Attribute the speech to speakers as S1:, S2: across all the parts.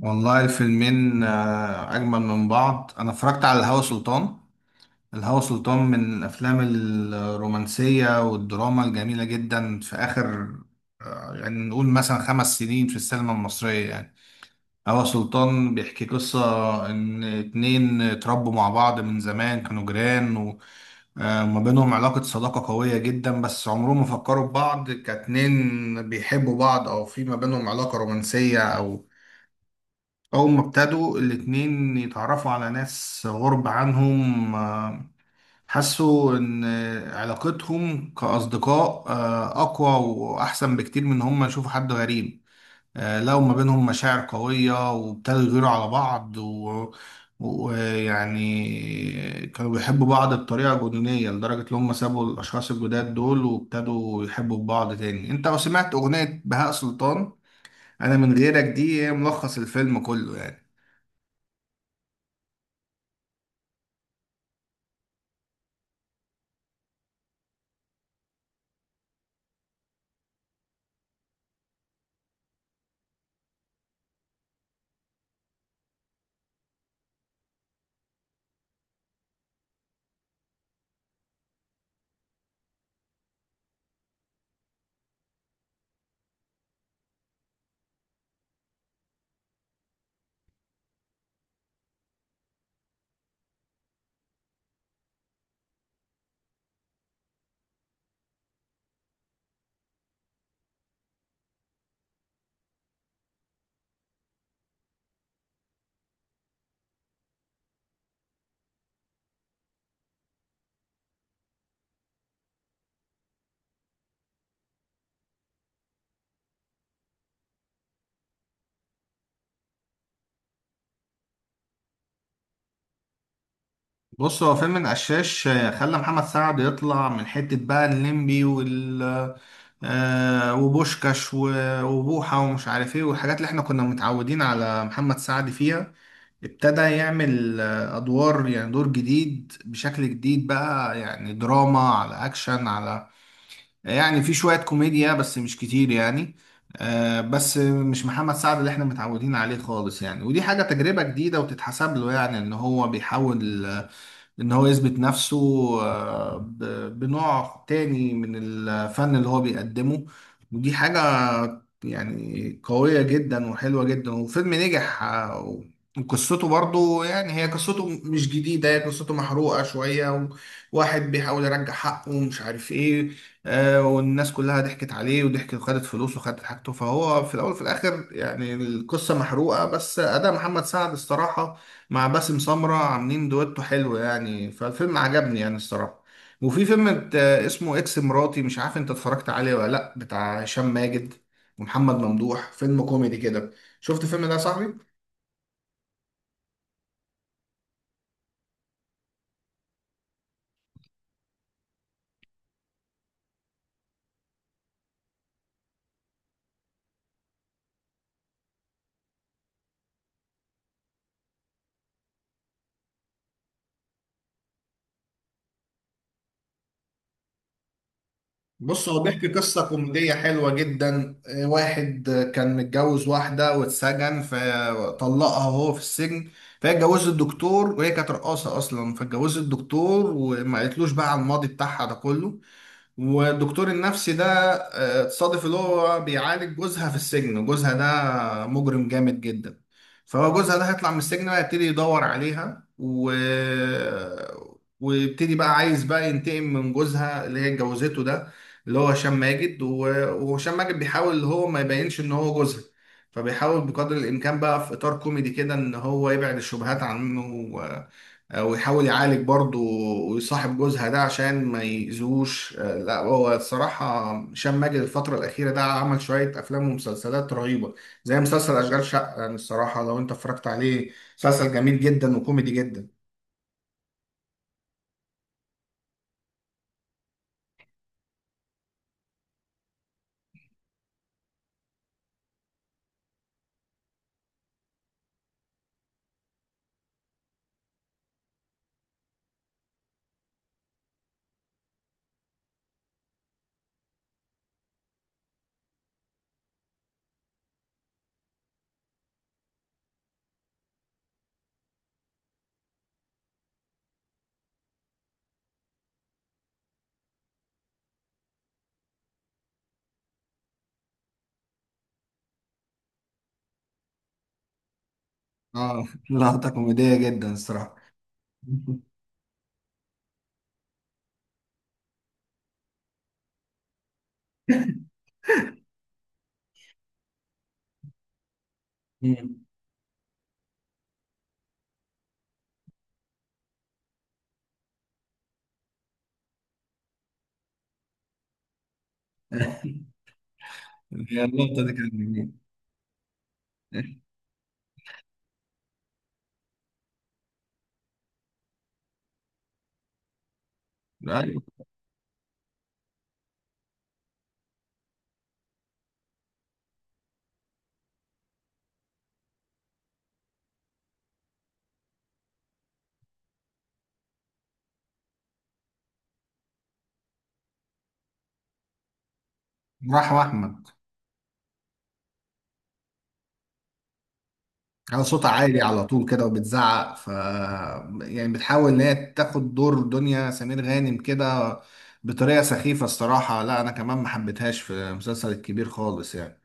S1: والله الفيلمين أجمل من بعض. أنا اتفرجت على الهوى سلطان من الأفلام الرومانسية والدراما الجميلة جدا في آخر يعني نقول مثلا 5 سنين في السينما المصرية. يعني هوى سلطان بيحكي قصة إن اتنين اتربوا مع بعض من زمان، كانوا جيران وما بينهم علاقة صداقة قوية جدا، بس عمرهم ما فكروا في بعض كاتنين بيحبوا بعض أو في ما بينهم علاقة رومانسية، أو أول ما ابتدوا الاتنين يتعرفوا على ناس غرب عنهم حسوا إن علاقتهم كأصدقاء أقوى وأحسن بكتير من إن هما يشوفوا حد غريب. لقوا ما بينهم مشاعر قوية وابتدوا يغيروا على بعض ويعني كانوا بيحبوا بعض بطريقة جنونية لدرجة إن هما سابوا الأشخاص الجداد دول وابتدوا يحبوا بعض تاني. أنت لو سمعت أغنية بهاء سلطان أنا من غيرك، دي هي ملخص الفيلم كله يعني. بص، هو فيلم القشاش خلى محمد سعد يطلع من حتة بقى الليمبي وال آه، وبوشكاش وبوحة ومش عارف ايه، والحاجات اللي احنا كنا متعودين على محمد سعد فيها. ابتدى يعمل ادوار، يعني دور جديد بشكل جديد بقى، يعني دراما على اكشن، على يعني في شوية كوميديا بس مش كتير يعني. بس مش محمد سعد اللي احنا متعودين عليه خالص يعني. ودي حاجة تجربة جديدة وتتحسب له، يعني ان هو بيحاول ان هو يثبت نفسه بنوع تاني من الفن اللي هو بيقدمه. ودي حاجة يعني قوية جدا وحلوة جدا، وفيلم نجح. وقصته برضو يعني هي قصته مش جديدة، هي قصته محروقة شوية، وواحد بيحاول يرجع حقه ومش عارف ايه. والناس كلها ضحكت عليه وضحكت وخدت فلوسه وخدت حاجته، فهو في الأول وفي الآخر يعني القصة محروقة، بس أداء محمد سعد الصراحة مع باسم سمرة عاملين دويتو حلو يعني، فالفيلم عجبني يعني الصراحة. وفي فيلم اسمه اكس مراتي، مش عارف انت اتفرجت عليه ولا لا، بتاع هشام ماجد ومحمد ممدوح، فيلم كوميدي كده. شفت الفيلم ده يا صاحبي؟ بص، هو بيحكي قصة كوميدية حلوة جدا. واحد كان متجوز واحدة واتسجن فطلقها وهو في السجن. فهي اتجوزت الدكتور، وهي كانت رقاصة أصلا، فاتجوزت الدكتور وما قالتلوش بقى على الماضي بتاعها ده كله. والدكتور النفسي ده تصادف اللي هو بيعالج جوزها في السجن، وجوزها ده مجرم جامد جدا. فهو جوزها ده هيطلع من السجن بقى يبتدي يدور عليها، و... ويبتدي بقى عايز بقى ينتقم من جوزها اللي هي اتجوزته ده، اللي هو هشام ماجد. و... وهشام ماجد بيحاول اللي هو ما يبينش ان هو جوزها، فبيحاول بقدر الامكان بقى في اطار كوميدي كده ان هو يبعد الشبهات عنه. ويحاول يعالج برضه ويصاحب جوزها ده عشان ما يأذوش. لا، هو الصراحة هشام ماجد الفترة الأخيرة ده عمل شوية أفلام ومسلسلات رهيبة، زي مسلسل أشغال شقة. يعني الصراحة لو أنت اتفرجت عليه، مسلسل جميل جدا وكوميدي جدا. اه لقطة كوميدية جدا الصراحة. اللقطة دي كانت جميلة. أيوة. رحمة أحمد على صوتها عالي على طول كده وبتزعق، يعني بتحاول ان هي تاخد دور دنيا سمير غانم كده بطريقه سخيفه الصراحه. لا، انا كمان ما حبيتهاش في المسلسل الكبير خالص يعني.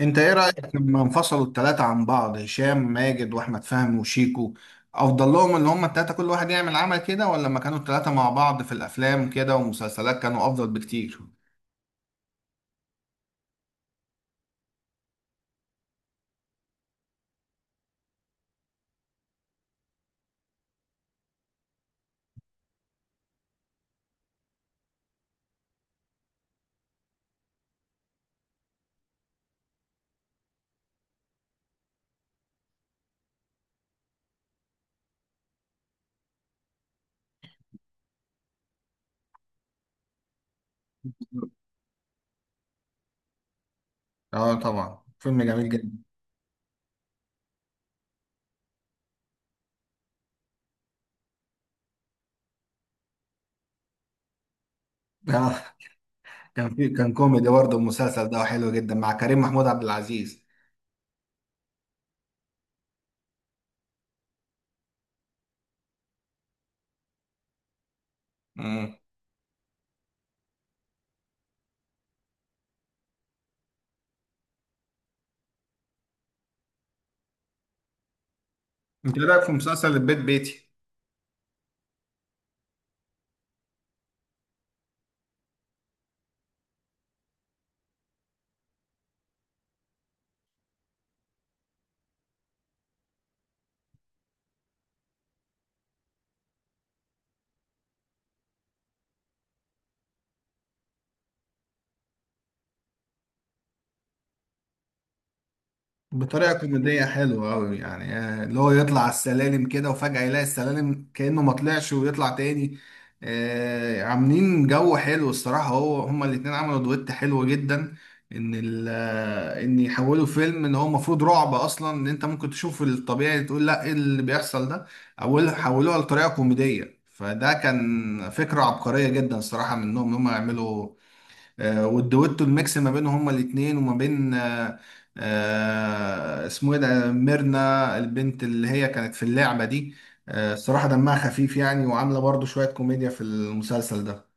S1: انت ايه رايك لما انفصلوا الثلاثه عن بعض، هشام ماجد واحمد فهمي وشيكو؟ افضل لهم ان هم الثلاثه كل واحد يعمل عمل كده، ولا لما كانوا الثلاثه مع بعض في الافلام كده ومسلسلات كانوا افضل بكتير؟ اه طبعا، فيلم جميل جدا. آه، كان كوميدي برضه المسلسل ده، حلو جدا مع كريم محمود عبد العزيز. مم. انت إيه رايك في مسلسل البيت بيتي؟ بطريقه كوميديه حلوه قوي يعني، اللي هو يطلع على السلالم كده وفجاه يلاقي السلالم كانه ما طلعش ويطلع تاني. عاملين جو حلو الصراحه. هو هما الاتنين عملوا دويت حلو جدا، ان ال آه، ان يحولوا فيلم ان هو المفروض رعب اصلا، ان انت ممكن تشوف الطبيعي تقول لا ايه اللي بيحصل ده، اول حولوها لطريقه كوميديه، فده كان فكره عبقريه جدا الصراحه منهم ان هم يعملوا. والدويتو الميكس ما بينهم هما الاتنين وما بين اسمه ايه ده، ميرنا البنت اللي هي كانت في اللعبة دي. الصراحة دمها خفيف يعني، وعاملة برضو شوية كوميديا في المسلسل ده.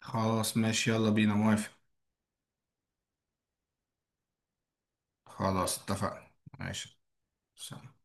S1: خلاص ماشي، يلا بينا، موافق. خلاص اتفقنا. ماشي. سلام.